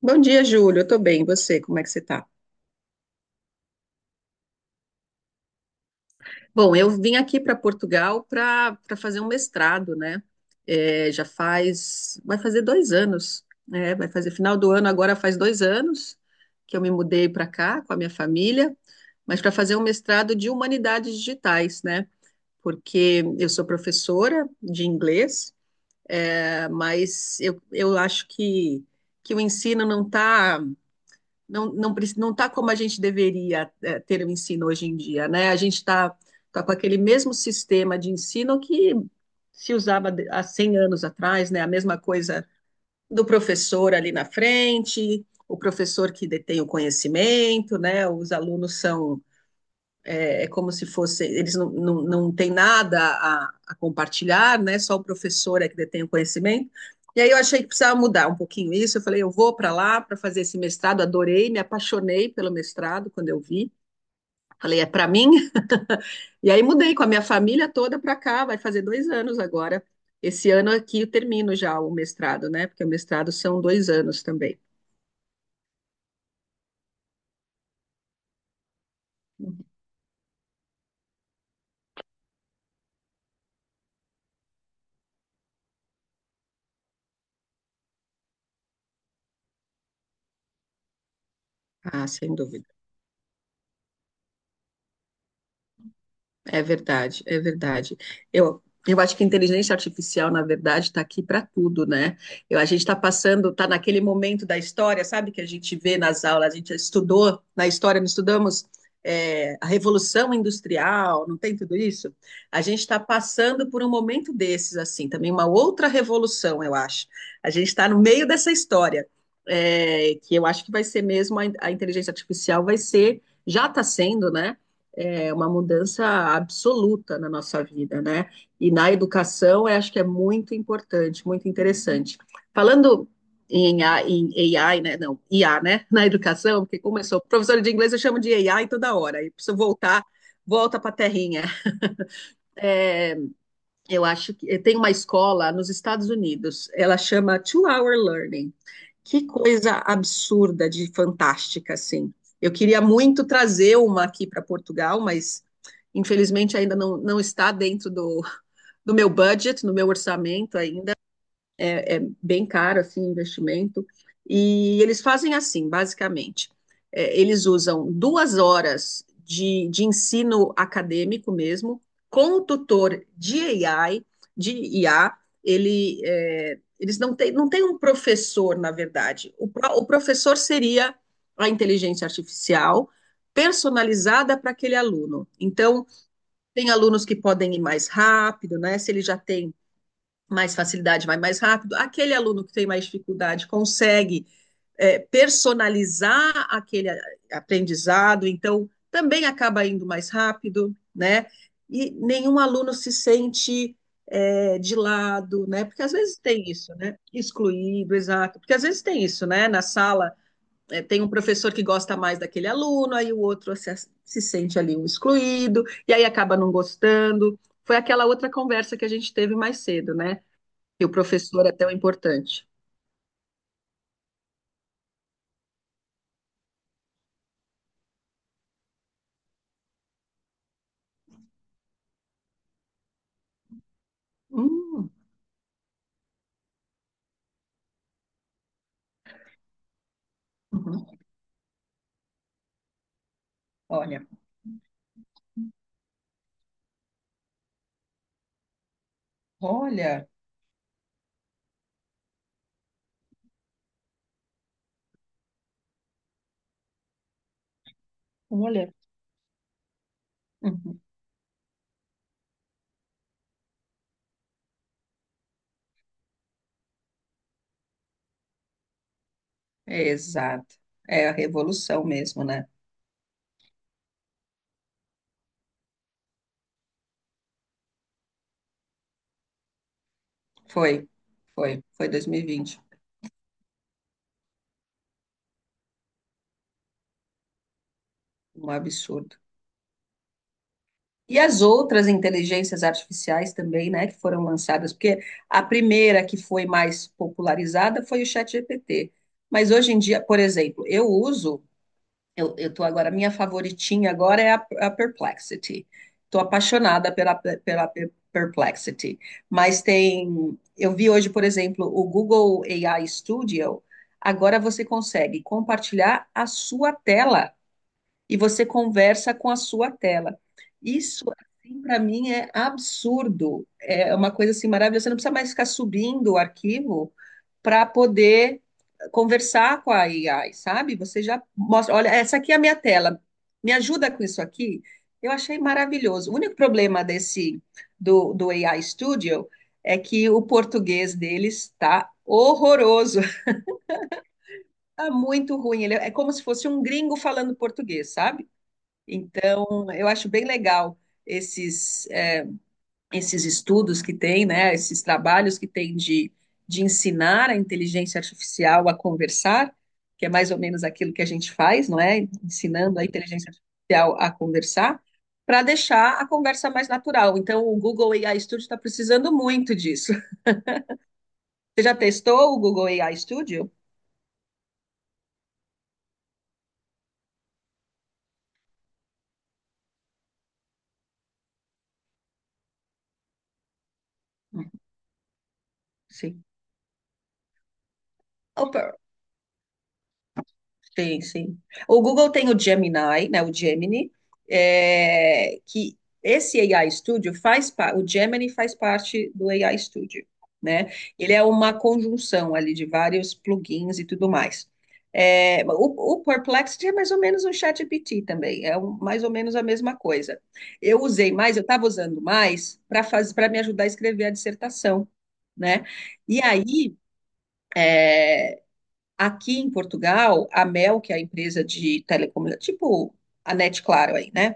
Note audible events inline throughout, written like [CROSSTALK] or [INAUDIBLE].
Bom dia, Júlio. Eu tô bem. E você, como é que você tá? Bom, eu vim aqui para Portugal para fazer um mestrado, né? É, já faz, vai fazer 2 anos, né? Vai fazer final do ano agora faz 2 anos que eu me mudei para cá com a minha família, mas para fazer um mestrado de humanidades digitais, né? Porque eu sou professora de inglês. Mas eu acho que o ensino não está não não preci- não está como a gente deveria ter o ensino hoje em dia, né? A gente está tá com aquele mesmo sistema de ensino que se usava há 100 anos atrás, né? A mesma coisa do professor ali na frente, o professor que detém o conhecimento, né? Os alunos são é como se fosse, eles não têm nada a compartilhar, né? Só o professor é que detém o conhecimento. E aí eu achei que precisava mudar um pouquinho isso. Eu falei, eu vou para lá para fazer esse mestrado, adorei, me apaixonei pelo mestrado quando eu vi. Falei, é para mim. [LAUGHS] E aí mudei com a minha família toda para cá, vai fazer 2 anos agora. Esse ano aqui eu termino já o mestrado, né? Porque o mestrado são 2 anos também. Ah, sem dúvida. É verdade, é verdade. Eu, eu, acho que a inteligência artificial, na verdade, está aqui para tudo, né? A gente está passando, está naquele momento da história, sabe, que a gente vê nas aulas, a gente estudou, na história, não estudamos a Revolução Industrial, não tem tudo isso? A gente está passando por um momento desses, assim, também uma outra revolução, eu acho. A gente está no meio dessa história, que eu acho que vai ser mesmo, a inteligência artificial vai ser, já está sendo, né? É, uma mudança absoluta na nossa vida, né? E na educação, eu acho que é muito importante, muito interessante. Falando em AI, em, né? Não, IA, né? [LAUGHS] Na educação, porque começou, professor de inglês eu chamo de AI toda hora, e preciso voltar, volta para a terrinha. É, eu acho que tem uma escola nos Estados Unidos, ela chama Two Hour Learning. Que coisa absurda de fantástica, assim. Eu queria muito trazer uma aqui para Portugal, mas infelizmente ainda não está dentro do meu budget, no meu orçamento ainda é bem caro assim o investimento. E eles fazem assim, basicamente. É, eles usam 2 horas de ensino acadêmico mesmo, com o tutor de AI, de IA. Eles não tem um professor, na verdade. O professor seria a inteligência artificial personalizada para aquele aluno. Então, tem alunos que podem ir mais rápido, né? Se ele já tem mais facilidade, vai mais rápido. Aquele aluno que tem mais dificuldade consegue personalizar aquele aprendizado, então também acaba indo mais rápido, né? E nenhum aluno se sente de lado, né? Porque às vezes tem isso, né? Excluído, exato. Porque às vezes tem isso, né? Na sala tem um professor que gosta mais daquele aluno, aí o outro se sente ali um excluído, e aí acaba não gostando. Foi aquela outra conversa que a gente teve mais cedo, né? E o professor é tão importante. Hum. Uhum. Olha, olha, olha. Uhum. É, exato. É a revolução mesmo, né? Foi, foi 2020. Um absurdo. E as outras inteligências artificiais também, né, que foram lançadas, porque a primeira que foi mais popularizada foi o ChatGPT. Mas hoje em dia, por exemplo, eu tô agora, minha favoritinha agora é a Perplexity. Tô apaixonada pela Perplexity. Mas tem, eu vi hoje, por exemplo, o Google AI Studio. Agora você consegue compartilhar a sua tela e você conversa com a sua tela. Isso, assim, para mim é absurdo. É uma coisa assim maravilhosa. Você não precisa mais ficar subindo o arquivo para poder conversar com a AI, sabe? Você já mostra, olha, essa aqui é a minha tela, me ajuda com isso aqui. Eu achei maravilhoso. O único problema do AI Studio é que o português deles está horroroso, [LAUGHS] está muito ruim. Ele é como se fosse um gringo falando português, sabe? Então, eu acho bem legal esses esses estudos que tem, né, esses trabalhos que tem de ensinar a inteligência artificial a conversar, que é mais ou menos aquilo que a gente faz, não é? Ensinando a inteligência artificial a conversar, para deixar a conversa mais natural. Então, o Google AI Studio está precisando muito disso. Você já testou o Google AI Studio? Sim. Sim, sim. O Google tem o Gemini, né? O Gemini, é, que esse AI Studio faz parte, o Gemini faz parte do AI Studio, né? Ele é uma conjunção ali de vários plugins e tudo mais. É, o Perplexity é mais ou menos um ChatGPT também, mais ou menos a mesma coisa. Eu usei mais, eu estava usando mais para fazer, para me ajudar a escrever a dissertação, né? E aí, aqui em Portugal, a Mel, que é a empresa de telecomunicação, tipo a NET Claro aí, né?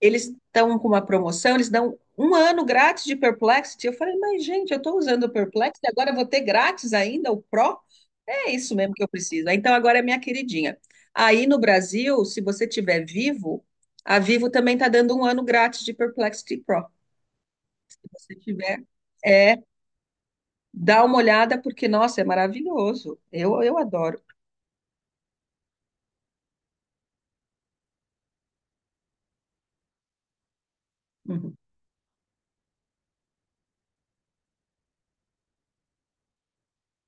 Eles estão com uma promoção, eles dão um ano grátis de Perplexity. Eu falei, mas gente, eu estou usando o Perplexity, agora eu vou ter grátis ainda o Pro? É isso mesmo que eu preciso. Ah, então agora é minha queridinha. Aí no Brasil, se você tiver Vivo, a Vivo também está dando um ano grátis de Perplexity Pro. Se você tiver, é, dá uma olhada, porque, nossa, é maravilhoso. Eu adoro. Uhum,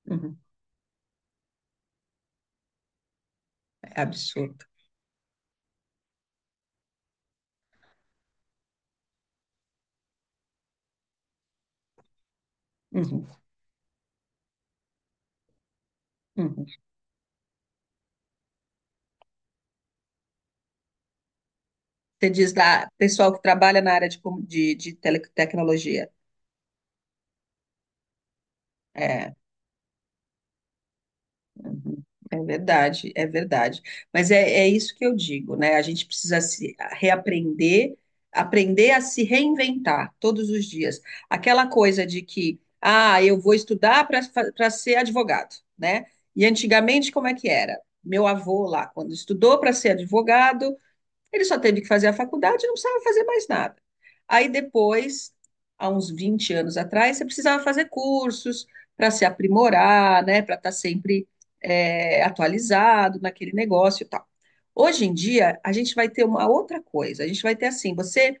uhum. É absurdo. Uhum, uhum. Você diz da pessoal que trabalha na área de teletecnologia. É, uhum, é verdade, é verdade. Mas é isso que eu digo, né? A gente precisa se reaprender, aprender a se reinventar todos os dias. Aquela coisa de que, ah, eu vou estudar para ser advogado, né? E antigamente, como é que era? Meu avô lá, quando estudou para ser advogado, ele só teve que fazer a faculdade e não precisava fazer mais nada. Aí depois, há uns 20 anos atrás, você precisava fazer cursos para se aprimorar, né, para estar sempre atualizado naquele negócio e tal. Hoje em dia, a gente vai ter uma outra coisa. A gente vai ter assim, você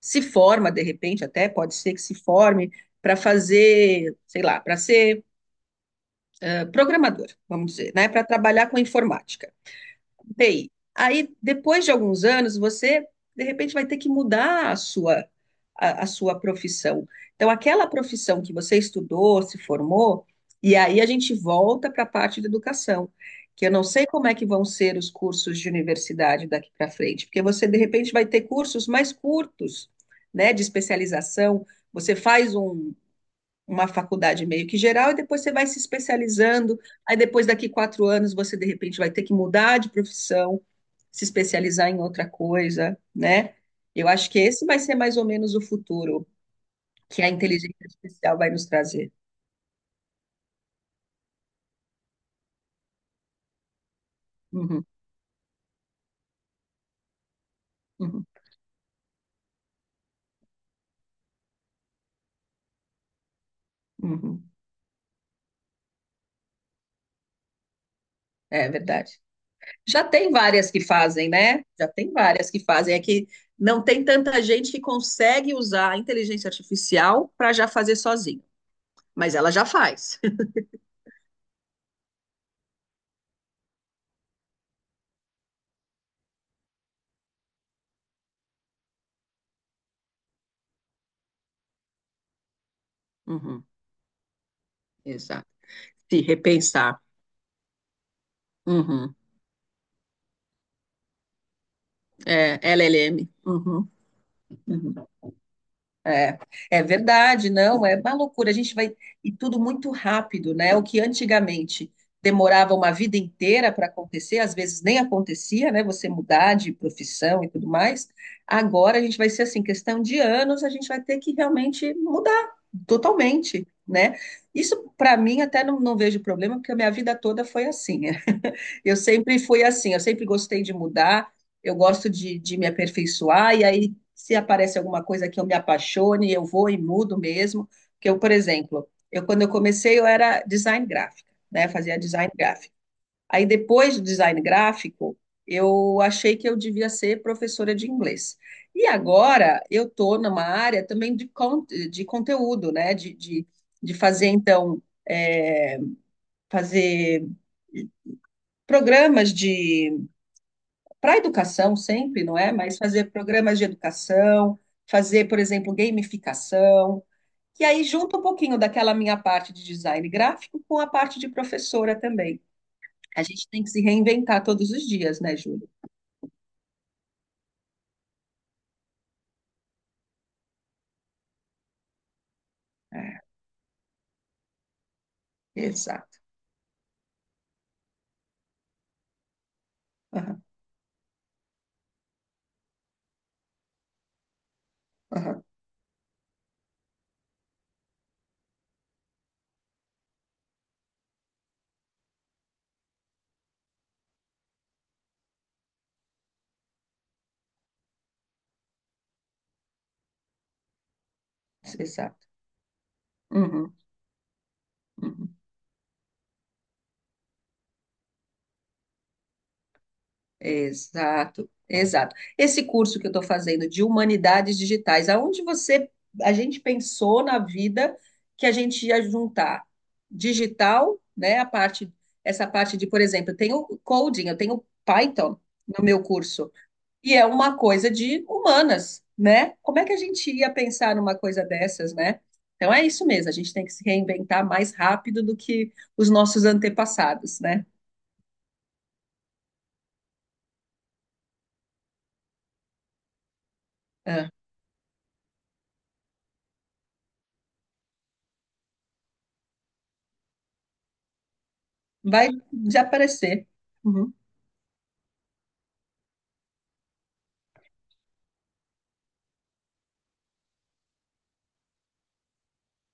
se forma de repente, até pode ser que se forme para fazer, sei lá, para ser programador, vamos dizer, né, para trabalhar com informática. TI. Aí, depois de alguns anos, você, de repente, vai ter que mudar a sua profissão. Então, aquela profissão que você estudou, se formou, e aí a gente volta para a parte da educação, que eu não sei como é que vão ser os cursos de universidade daqui para frente, porque você, de repente, vai ter cursos mais curtos, né, de especialização. Você faz uma faculdade meio que geral, e depois você vai se especializando. Aí depois, daqui 4 anos, você de repente vai ter que mudar de profissão, se especializar em outra coisa, né? Eu acho que esse vai ser mais ou menos o futuro que a inteligência artificial vai nos trazer. Uhum, uhum, uhum. É verdade. Já tem várias que fazem, né? Já tem várias que fazem. É que não tem tanta gente que consegue usar a inteligência artificial para já fazer sozinho, mas ela já faz. [LAUGHS] Uhum, exato. Se repensar. Uhum. É, LLM. Uhum. Uhum. É, é verdade, não, é uma loucura. A gente vai. E tudo muito rápido, né? O que antigamente demorava uma vida inteira para acontecer, às vezes nem acontecia, né? Você mudar de profissão e tudo mais. Agora a gente vai ser assim, questão de anos, a gente vai ter que realmente mudar totalmente, né? Isso, para mim, até não vejo problema, porque a minha vida toda foi assim. Eu sempre fui assim, eu sempre gostei de mudar, eu gosto de me aperfeiçoar, e aí, se aparece alguma coisa que eu me apaixone, eu vou e mudo mesmo. Porque eu, por exemplo, eu quando eu comecei, eu era design gráfico, né? Fazia design gráfico. Aí, depois do design gráfico, eu achei que eu devia ser professora de inglês. E agora eu estou numa área também de conteúdo, né? De fazer, então, é, fazer programas de para a educação sempre, não é? Mas fazer programas de educação, fazer, por exemplo, gamificação, e aí junta um pouquinho daquela minha parte de design gráfico com a parte de professora também. A gente tem que se reinventar todos os dias, né, Júlio? É, exato. Aham, aham, exato. Uhum, uhum. Exato, exato. Esse curso que eu estou fazendo de humanidades digitais, aonde você, a gente pensou na vida que a gente ia juntar digital, né? A parte, essa parte de, por exemplo, eu tenho coding, eu tenho Python no meu curso, e é uma coisa de humanas, né? Como é que a gente ia pensar numa coisa dessas, né? Então é isso mesmo, a gente tem que se reinventar mais rápido do que os nossos antepassados, né? É. Vai de aparecer. Uhum.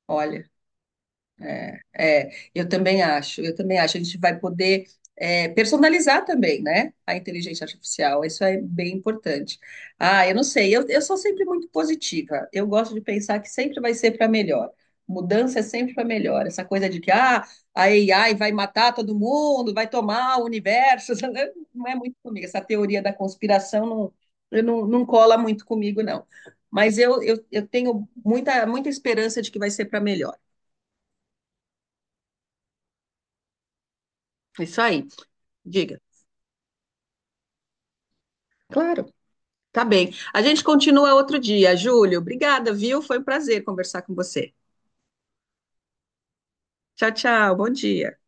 Olha, é, eu também acho, eu também acho. A gente vai poder personalizar também, né? A inteligência artificial, isso é bem importante. Ah, eu não sei, eu sou sempre muito positiva. Eu gosto de pensar que sempre vai ser para melhor. Mudança é sempre para melhor. Essa coisa de que ah, a AI vai matar todo mundo, vai tomar o universo, [LAUGHS] não é muito comigo. Essa teoria da conspiração não, eu não cola muito comigo, não. Mas eu tenho muita, muita esperança de que vai ser para melhor. Isso aí, diga. Claro, tá bem. A gente continua outro dia, Júlio. Obrigada, viu? Foi um prazer conversar com você. Tchau, tchau. Bom dia.